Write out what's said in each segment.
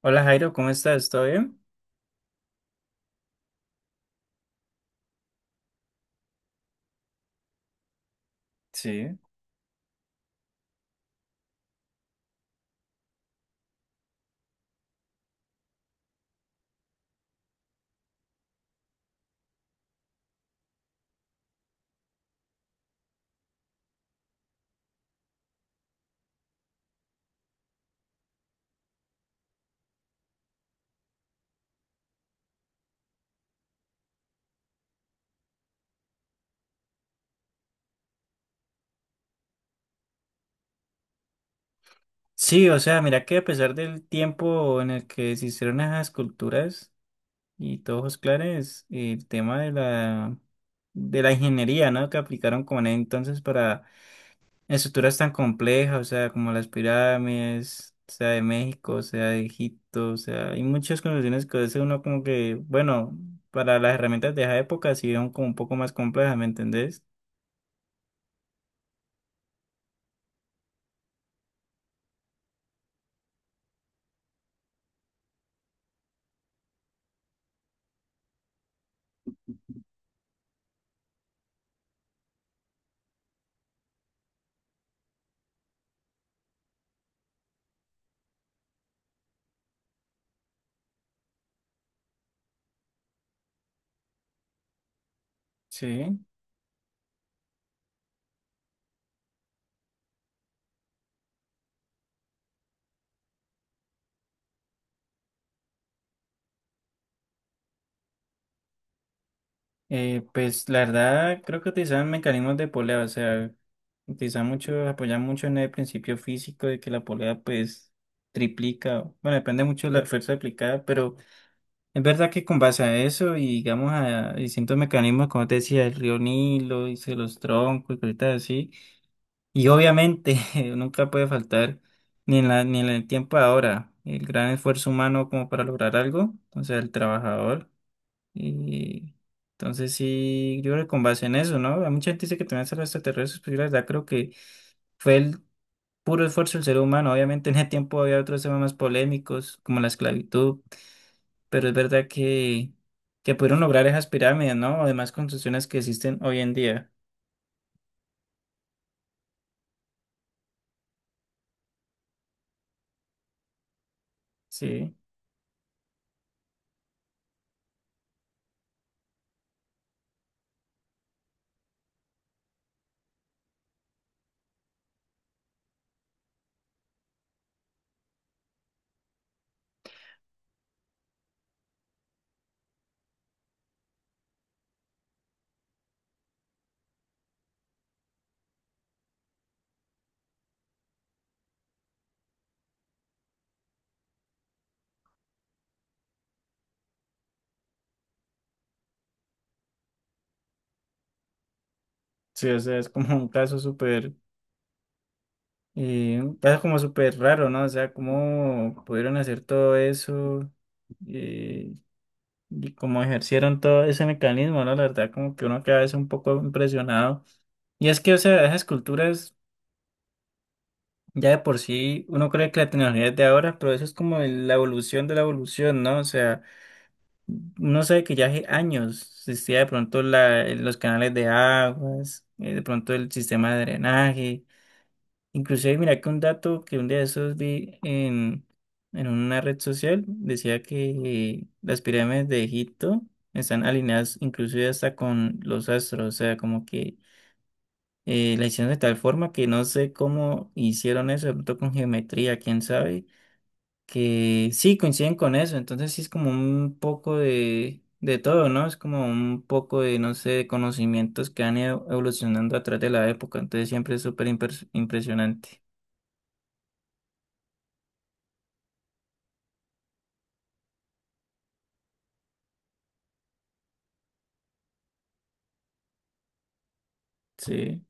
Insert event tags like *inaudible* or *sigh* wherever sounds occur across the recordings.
Hola Jairo, ¿cómo estás? ¿Todo bien? Sí. Sí, o sea, mira que a pesar del tiempo en el que se hicieron esas esculturas y tojos clares, el tema de de la ingeniería, ¿no? Que aplicaron con él entonces para estructuras tan complejas, o sea, como las pirámides, sea de México, o sea de Egipto, o sea, hay muchas construcciones que a veces uno como que, bueno, para las herramientas de esa época sí eran como un poco más complejas, ¿me entendés? Sí. Pues la verdad creo que utilizaban mecanismos de polea, o sea, utilizaban mucho, apoyan mucho en el principio físico de que la polea pues triplica, bueno, depende mucho de la fuerza aplicada, pero es verdad que con base a eso y digamos a distintos mecanismos, como te decía, el río Nilo, y se los troncos y cositas así, y obviamente *laughs* nunca puede faltar ni en la, ni en el tiempo ahora, el gran esfuerzo humano como para lograr algo, o sea, el trabajador. Y entonces sí, yo creo que con base en eso, ¿no? Hay mucha gente dice que también son los extraterrestres, pero yo la verdad creo que fue el puro esfuerzo del ser humano. Obviamente en ese tiempo había otros temas más polémicos, como la esclavitud, pero es verdad que pudieron lograr esas pirámides, ¿no? Además, construcciones que existen hoy en día. Sí, sí, o sea, es como un caso súper, un caso como súper raro, ¿no? O sea, cómo pudieron hacer todo eso. Eh, Y como ejercieron todo ese mecanismo, ¿no? La verdad, como que uno queda a veces un poco impresionado. Y es que, o sea, esas culturas, ya de por sí, uno cree que la tecnología es de ahora, pero eso es como la evolución de la evolución, ¿no? O sea, uno sabe que ya hace años existía de pronto la, los canales de aguas, de pronto el sistema de drenaje. Inclusive, mira que un dato que un día de esos en una red social decía que las pirámides de Egipto están alineadas inclusive hasta con los astros, o sea, como que la hicieron de tal forma que no sé cómo hicieron eso, de pronto con geometría, quién sabe, que sí coinciden con eso, entonces sí es como un poco de todo, ¿no? Es como un poco de, no sé, de conocimientos que han ido evolucionando a través de la época, entonces siempre es súper impresionante. Sí.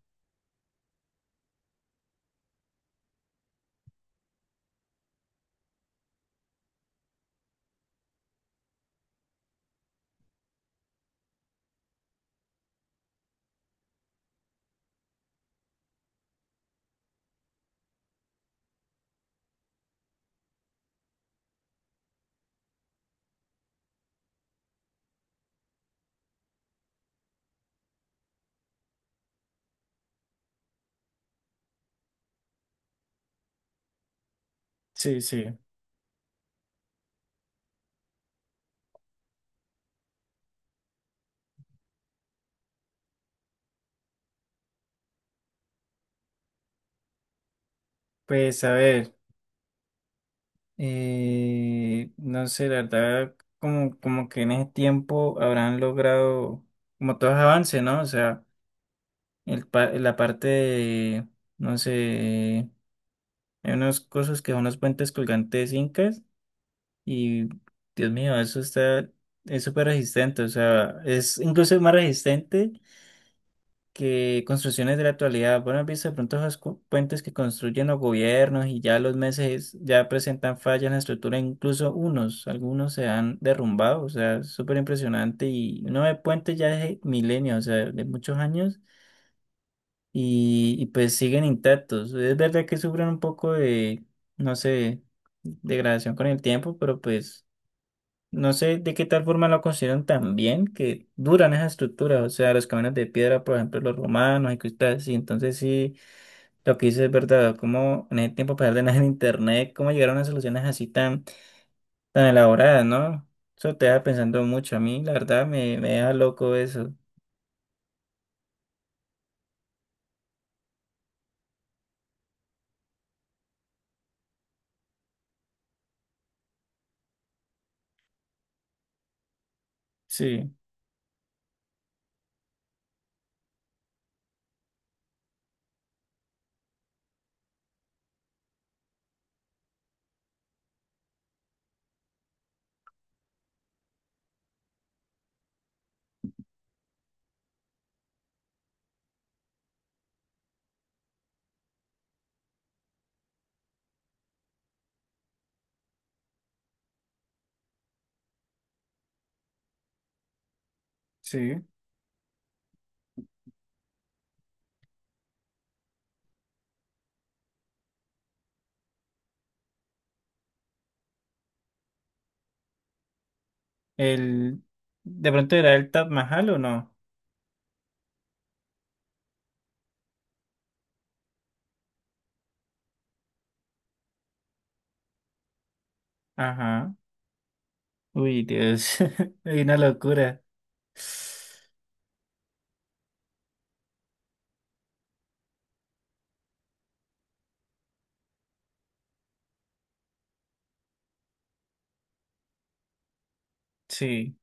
Sí, sí. Pues a ver, no sé, la verdad, como, como que en ese tiempo habrán logrado como todos avances, ¿no? O sea, el, la parte de, no sé, hay unas cosas que son los puentes colgantes incas y, Dios mío, eso está, es súper resistente, o sea, es incluso más resistente que construcciones de la actualidad. Bueno, has visto de pronto esos puentes que construyen los gobiernos y ya los meses ya presentan fallas en la estructura, incluso unos, algunos se han derrumbado, o sea, es súper impresionante y uno ve puentes ya de milenios, o sea, de muchos años y pues siguen intactos. Es verdad que sufren un poco de, no sé, degradación con el tiempo, pero pues... No sé de qué tal forma lo consideran tan bien que duran esas estructuras, o sea, los caminos de piedra, por ejemplo, los romanos y cosas así. Entonces, sí, lo que dices es verdad, como en ese tiempo, a pesar de nada *laughs* en internet, cómo llegaron a soluciones así tan, tan elaboradas, ¿no? Eso te deja pensando mucho. A mí, la verdad, me deja loco eso. Sí, sí. El, ¿de pronto era el Taj Mahal o no? Ajá. Uy, Dios, *laughs* hay una locura. Sí.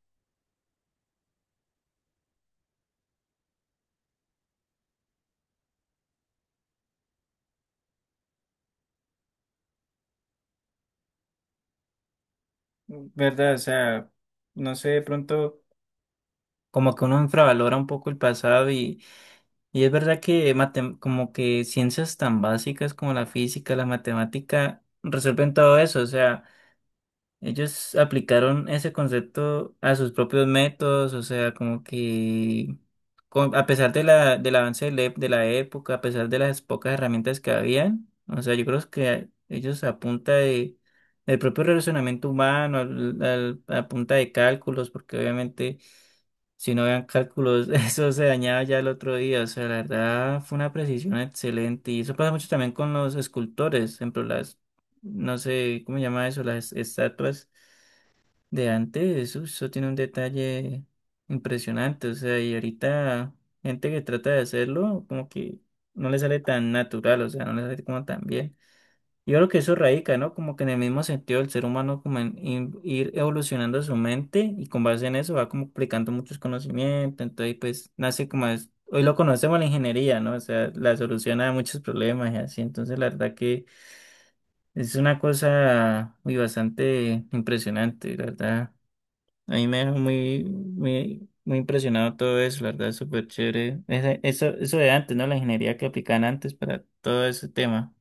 ¿Verdad? O sea, no sé, de pronto como que uno infravalora un poco el pasado y es verdad que como que ciencias tan básicas como la física, la matemática, resuelven todo eso, o sea... Ellos aplicaron ese concepto a sus propios métodos, o sea, como que a pesar de la, del avance de la, de la época, a pesar de las pocas herramientas que habían, o sea, yo creo que ellos a punta de, del propio relacionamiento humano, a punta de cálculos, porque obviamente si no habían cálculos, *laughs* eso se dañaba ya el otro día, o sea, la verdad fue una precisión excelente y eso pasa mucho también con los escultores, por ejemplo, no sé, ¿cómo se llama eso? Las estatuas de antes, eso tiene un detalle impresionante, o sea, y ahorita gente que trata de hacerlo, como que no le sale tan natural, o sea, no le sale como tan bien. Yo creo que eso radica, ¿no? Como que en el mismo sentido el ser humano, como en ir evolucionando su mente y con base en eso va como aplicando muchos conocimientos, entonces pues nace como es, hoy lo conocemos la ingeniería, ¿no? O sea, la solución a muchos problemas y así, entonces la verdad que... Es una cosa muy bastante impresionante, la verdad. A mí me dejó muy, muy, muy impresionado todo eso, la verdad, es súper chévere. Eso, eso de antes, ¿no? La ingeniería que aplican antes para todo ese tema.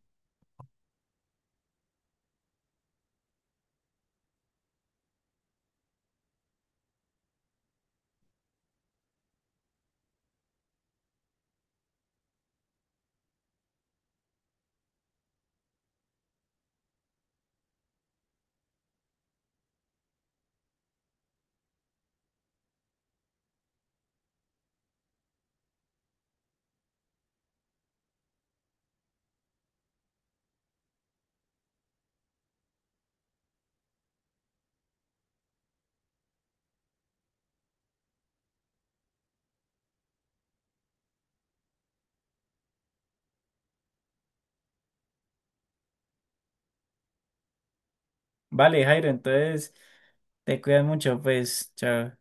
Vale, Jairo, entonces te cuidas mucho, pues, chao.